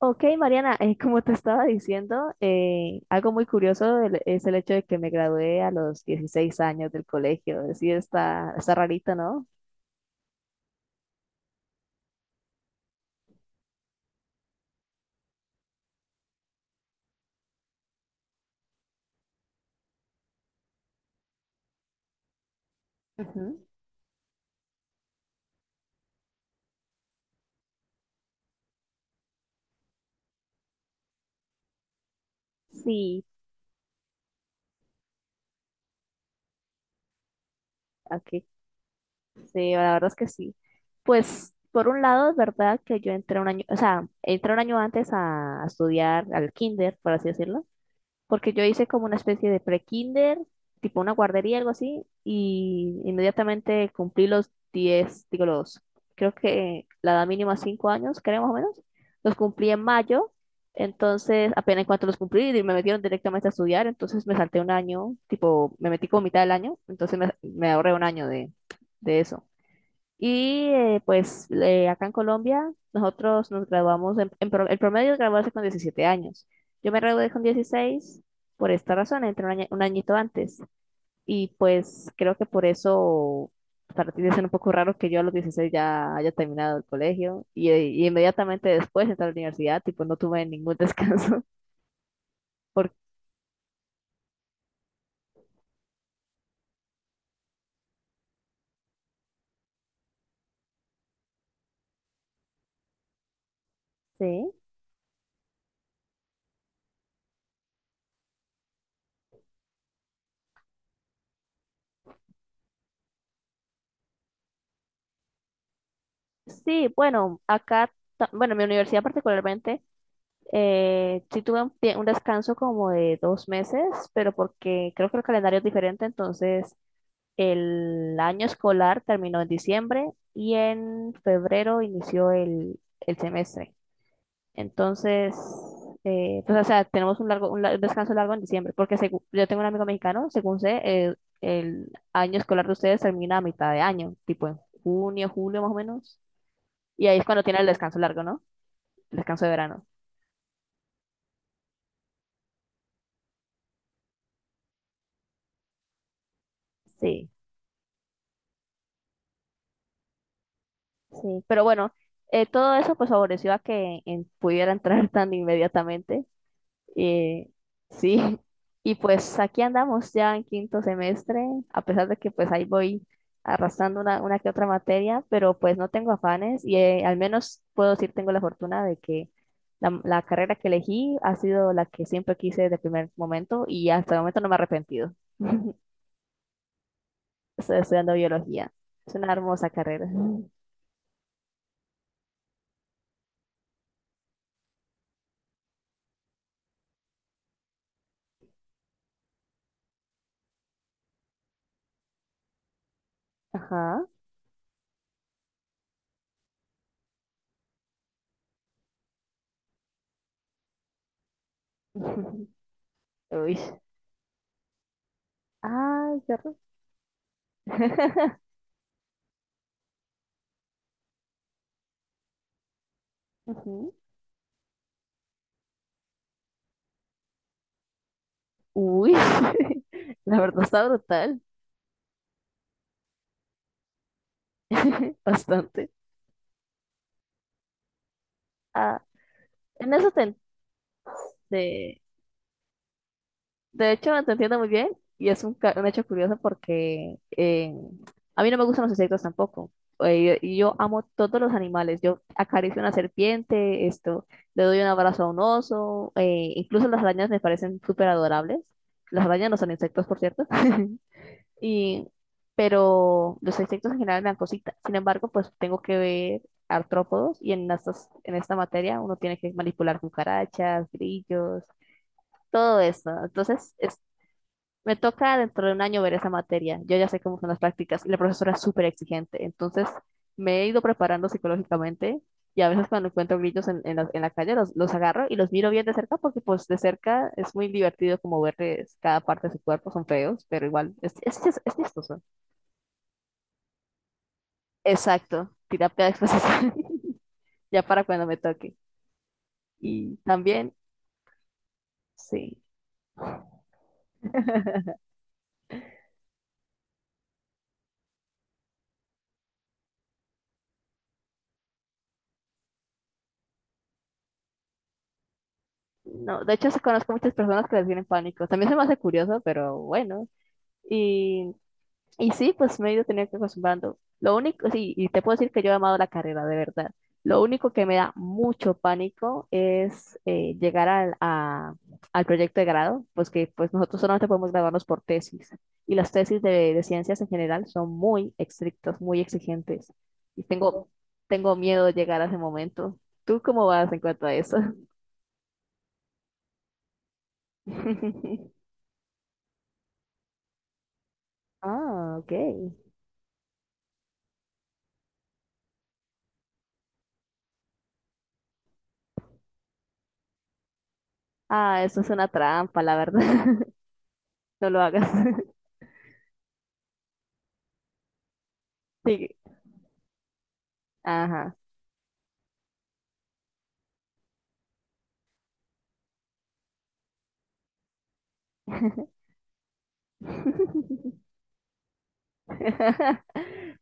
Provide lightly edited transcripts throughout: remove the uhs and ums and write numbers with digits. Ok, Mariana, como te estaba diciendo, algo muy curioso es el hecho de que me gradué a los 16 años del colegio. Sí, está rarito, ¿no? Ujú. Sí, ok. Sí, la verdad es que sí. Pues por un lado es verdad que yo entré un año, o sea, entré un año antes a estudiar al kinder, por así decirlo, porque yo hice como una especie de pre-kinder, tipo una guardería, algo así, y inmediatamente cumplí los 10 digo los, creo que la edad mínima 5 años, creo más o menos, los cumplí en mayo, entonces apenas en cuanto los cumplí me metieron directamente a estudiar, entonces me salté un año, tipo, me metí como mitad del año, entonces me ahorré un año de eso. Y pues acá en Colombia, nosotros nos graduamos, el promedio de graduarse con 17 años. Yo me gradué con 16 por esta razón, entré un añito antes. Y pues creo que por eso para ti debe ser un poco raro que yo a los 16 ya haya terminado el colegio y inmediatamente después entré a la universidad, tipo no tuve ningún descanso. ¿Por Sí, bueno, acá, bueno, en mi universidad particularmente. Sí tuve un descanso como de 2 meses, pero porque creo que el calendario es diferente, entonces el año escolar terminó en diciembre y en febrero inició el semestre. Entonces, pues, o sea, tenemos un descanso largo en diciembre, porque yo tengo un amigo mexicano, según sé, el año escolar de ustedes termina a mitad de año, tipo en junio, julio más o menos, y ahí es cuando tiene el descanso largo, ¿no? El descanso de verano. Sí. Sí, pero bueno, todo eso pues favoreció a que pudiera entrar tan inmediatamente. Eh, sí, y pues aquí andamos ya en quinto semestre, a pesar de que pues ahí voy arrastrando una que otra materia, pero pues no tengo afanes y al menos puedo decir tengo la fortuna de que la carrera que elegí ha sido la que siempre quise desde el primer momento y hasta el momento no me he arrepentido. Estoy estudiando biología. Es una hermosa carrera. Ajá. Uy. Ah, qué horror. Ujú. Uy, la verdad está brutal. Bastante. Ah, en eso te, de, de hecho te entiendo muy bien y es un hecho curioso porque a mí no me gustan los insectos tampoco. Y yo amo todos los animales. Yo acaricio una serpiente, esto, le doy un abrazo a un oso, incluso las arañas me parecen súper adorables. Las arañas no son insectos, por cierto. Y, pero los insectos en general me dan cositas. Sin embargo, pues tengo que ver artrópodos y en esta materia uno tiene que manipular cucarachas, grillos, todo eso. Entonces, me toca dentro de un año ver esa materia. Yo ya sé cómo son las prácticas y la profesora es súper exigente. Entonces, me he ido preparando psicológicamente y a veces cuando encuentro grillos en la calle los agarro y los miro bien de cerca porque pues de cerca es muy divertido como verles cada parte de su cuerpo. Son feos, pero igual es chistoso. Exacto, terapia de exposición, ya para cuando me toque. Y también, sí. No, de hecho, conozco muchas personas que les tienen pánico. También se me hace curioso, pero bueno. Y Y sí, pues me he ido teniendo que acostumbrando. Lo único, sí, y te puedo decir que yo he amado la carrera, de verdad. Lo único que me da mucho pánico es llegar al proyecto de grado, pues que pues nosotros solamente podemos graduarnos por tesis. Y las tesis de ciencias en general son muy estrictas, muy exigentes. Y tengo miedo de llegar a ese momento. ¿Tú cómo vas en cuanto a eso? Ah, ok. Ah, eso es una trampa, la verdad. No lo hagas. Sí. Ajá.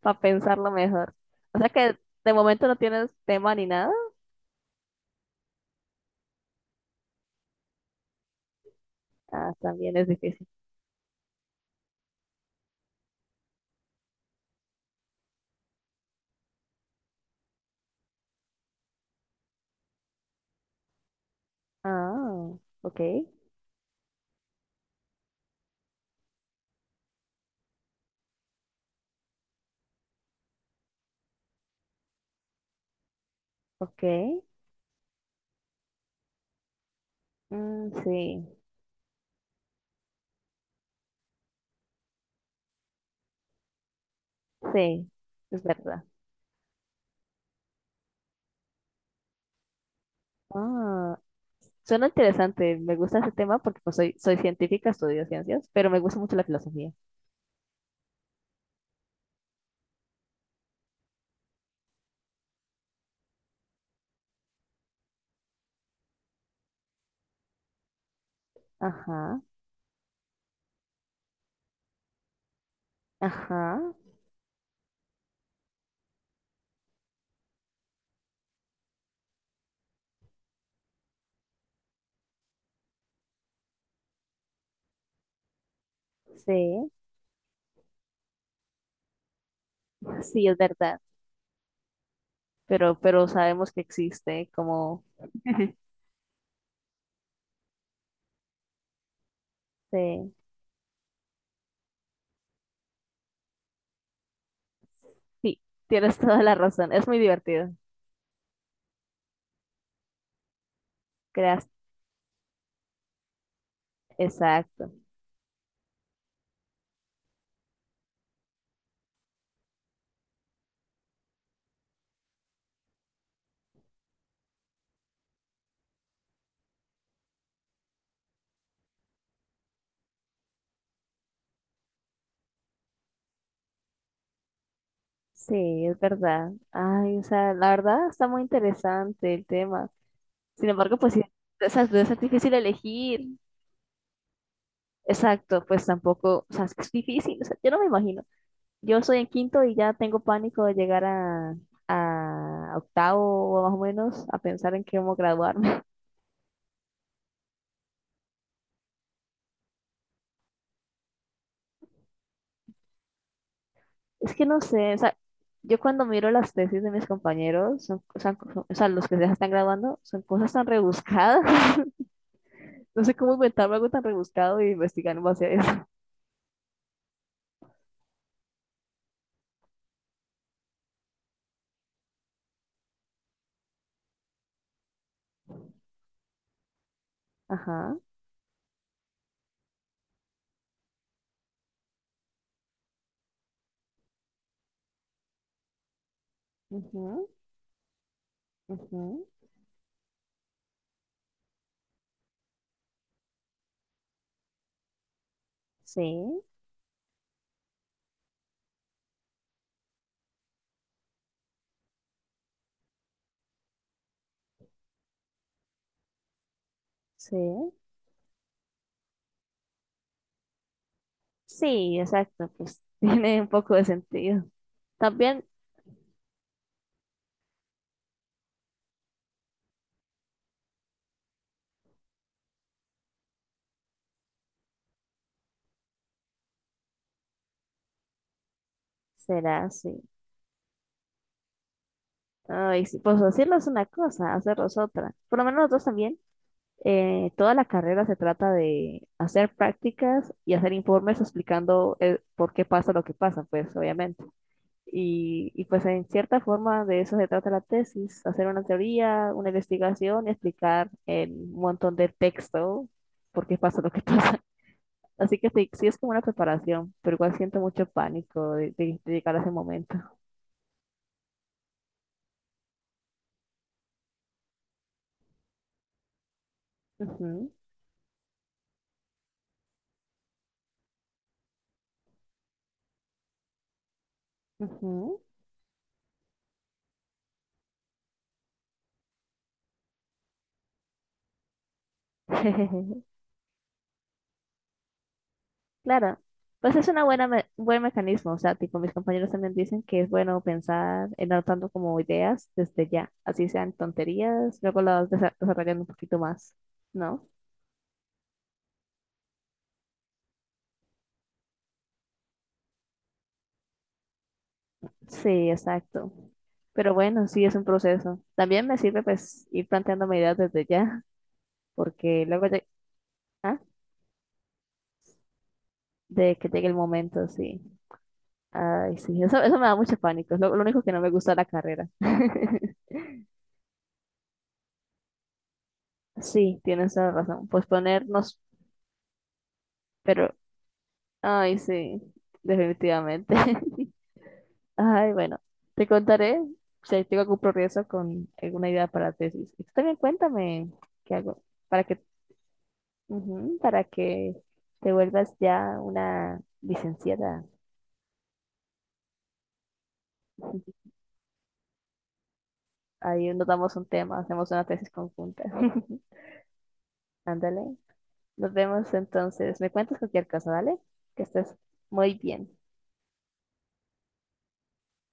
Para pensarlo mejor. O sea que de momento no tienes tema ni nada. Ah, también es difícil. Ah, ok, ok. Mm, sí, sí, es verdad. Ah, suena interesante. Me gusta ese tema porque pues, soy científica, estudio ciencias, pero me gusta mucho la filosofía. Ajá, ajá, sí, sí, es verdad. Pero sabemos que existe como Sí. Sí, tienes toda la razón. Es muy divertido. Creas, exacto. Sí, es verdad. Ay, o sea, la verdad está muy interesante el tema. Sin embargo, pues sí, exacto, es difícil elegir. Exacto, pues tampoco, o sea, es que es difícil. O sea, yo no me imagino. Yo soy en quinto y ya tengo pánico de llegar a octavo o más o menos a pensar en cómo graduarme. Es que no sé, o sea, yo cuando miro las tesis de mis compañeros, o sea, los que ya se están graduando, son cosas tan rebuscadas. No sé cómo inventarme algo tan rebuscado y investigar en base a eso. Ajá. Ujú, ujú, sí, sí. Sí, exacto, pues tiene un poco de sentido. También será así. Ay, sí, pues decirlo es una cosa, hacerlo es otra. Por lo menos nosotros también. Toda la carrera se trata de hacer prácticas y hacer informes explicando por qué pasa lo que pasa, pues obviamente. Y pues en cierta forma de eso se trata la tesis, hacer una teoría, una investigación y explicar en un montón de texto por qué pasa lo que pasa. Así que sí, sí es como una preparación, pero igual siento mucho pánico de llegar a ese momento. Ujú, ujú. Claro, pues es una buen mecanismo, o sea, tipo mis compañeros también dicen que es bueno pensar en adoptando como ideas desde ya, así sean tonterías, luego las desarrollan un poquito más, ¿no? Sí, exacto. Pero bueno, sí es un proceso. También me sirve pues ir planteándome ideas desde ya, porque luego ah, de que llegue el momento, sí. Ay, sí, eso me da mucho pánico, es lo único que no me gusta de la carrera. Sí, tienes toda la razón. Pues ponernos, pero Ay, sí, definitivamente. Ay, bueno, te contaré si tengo algún progreso con alguna idea para tesis. Y tú también cuéntame qué hago para que, para que te vuelvas ya una licenciada. Ahí nos damos un tema, hacemos una tesis conjunta. Ándale, nos vemos entonces. Me cuentas cualquier cosa, ¿vale? Que estés muy bien.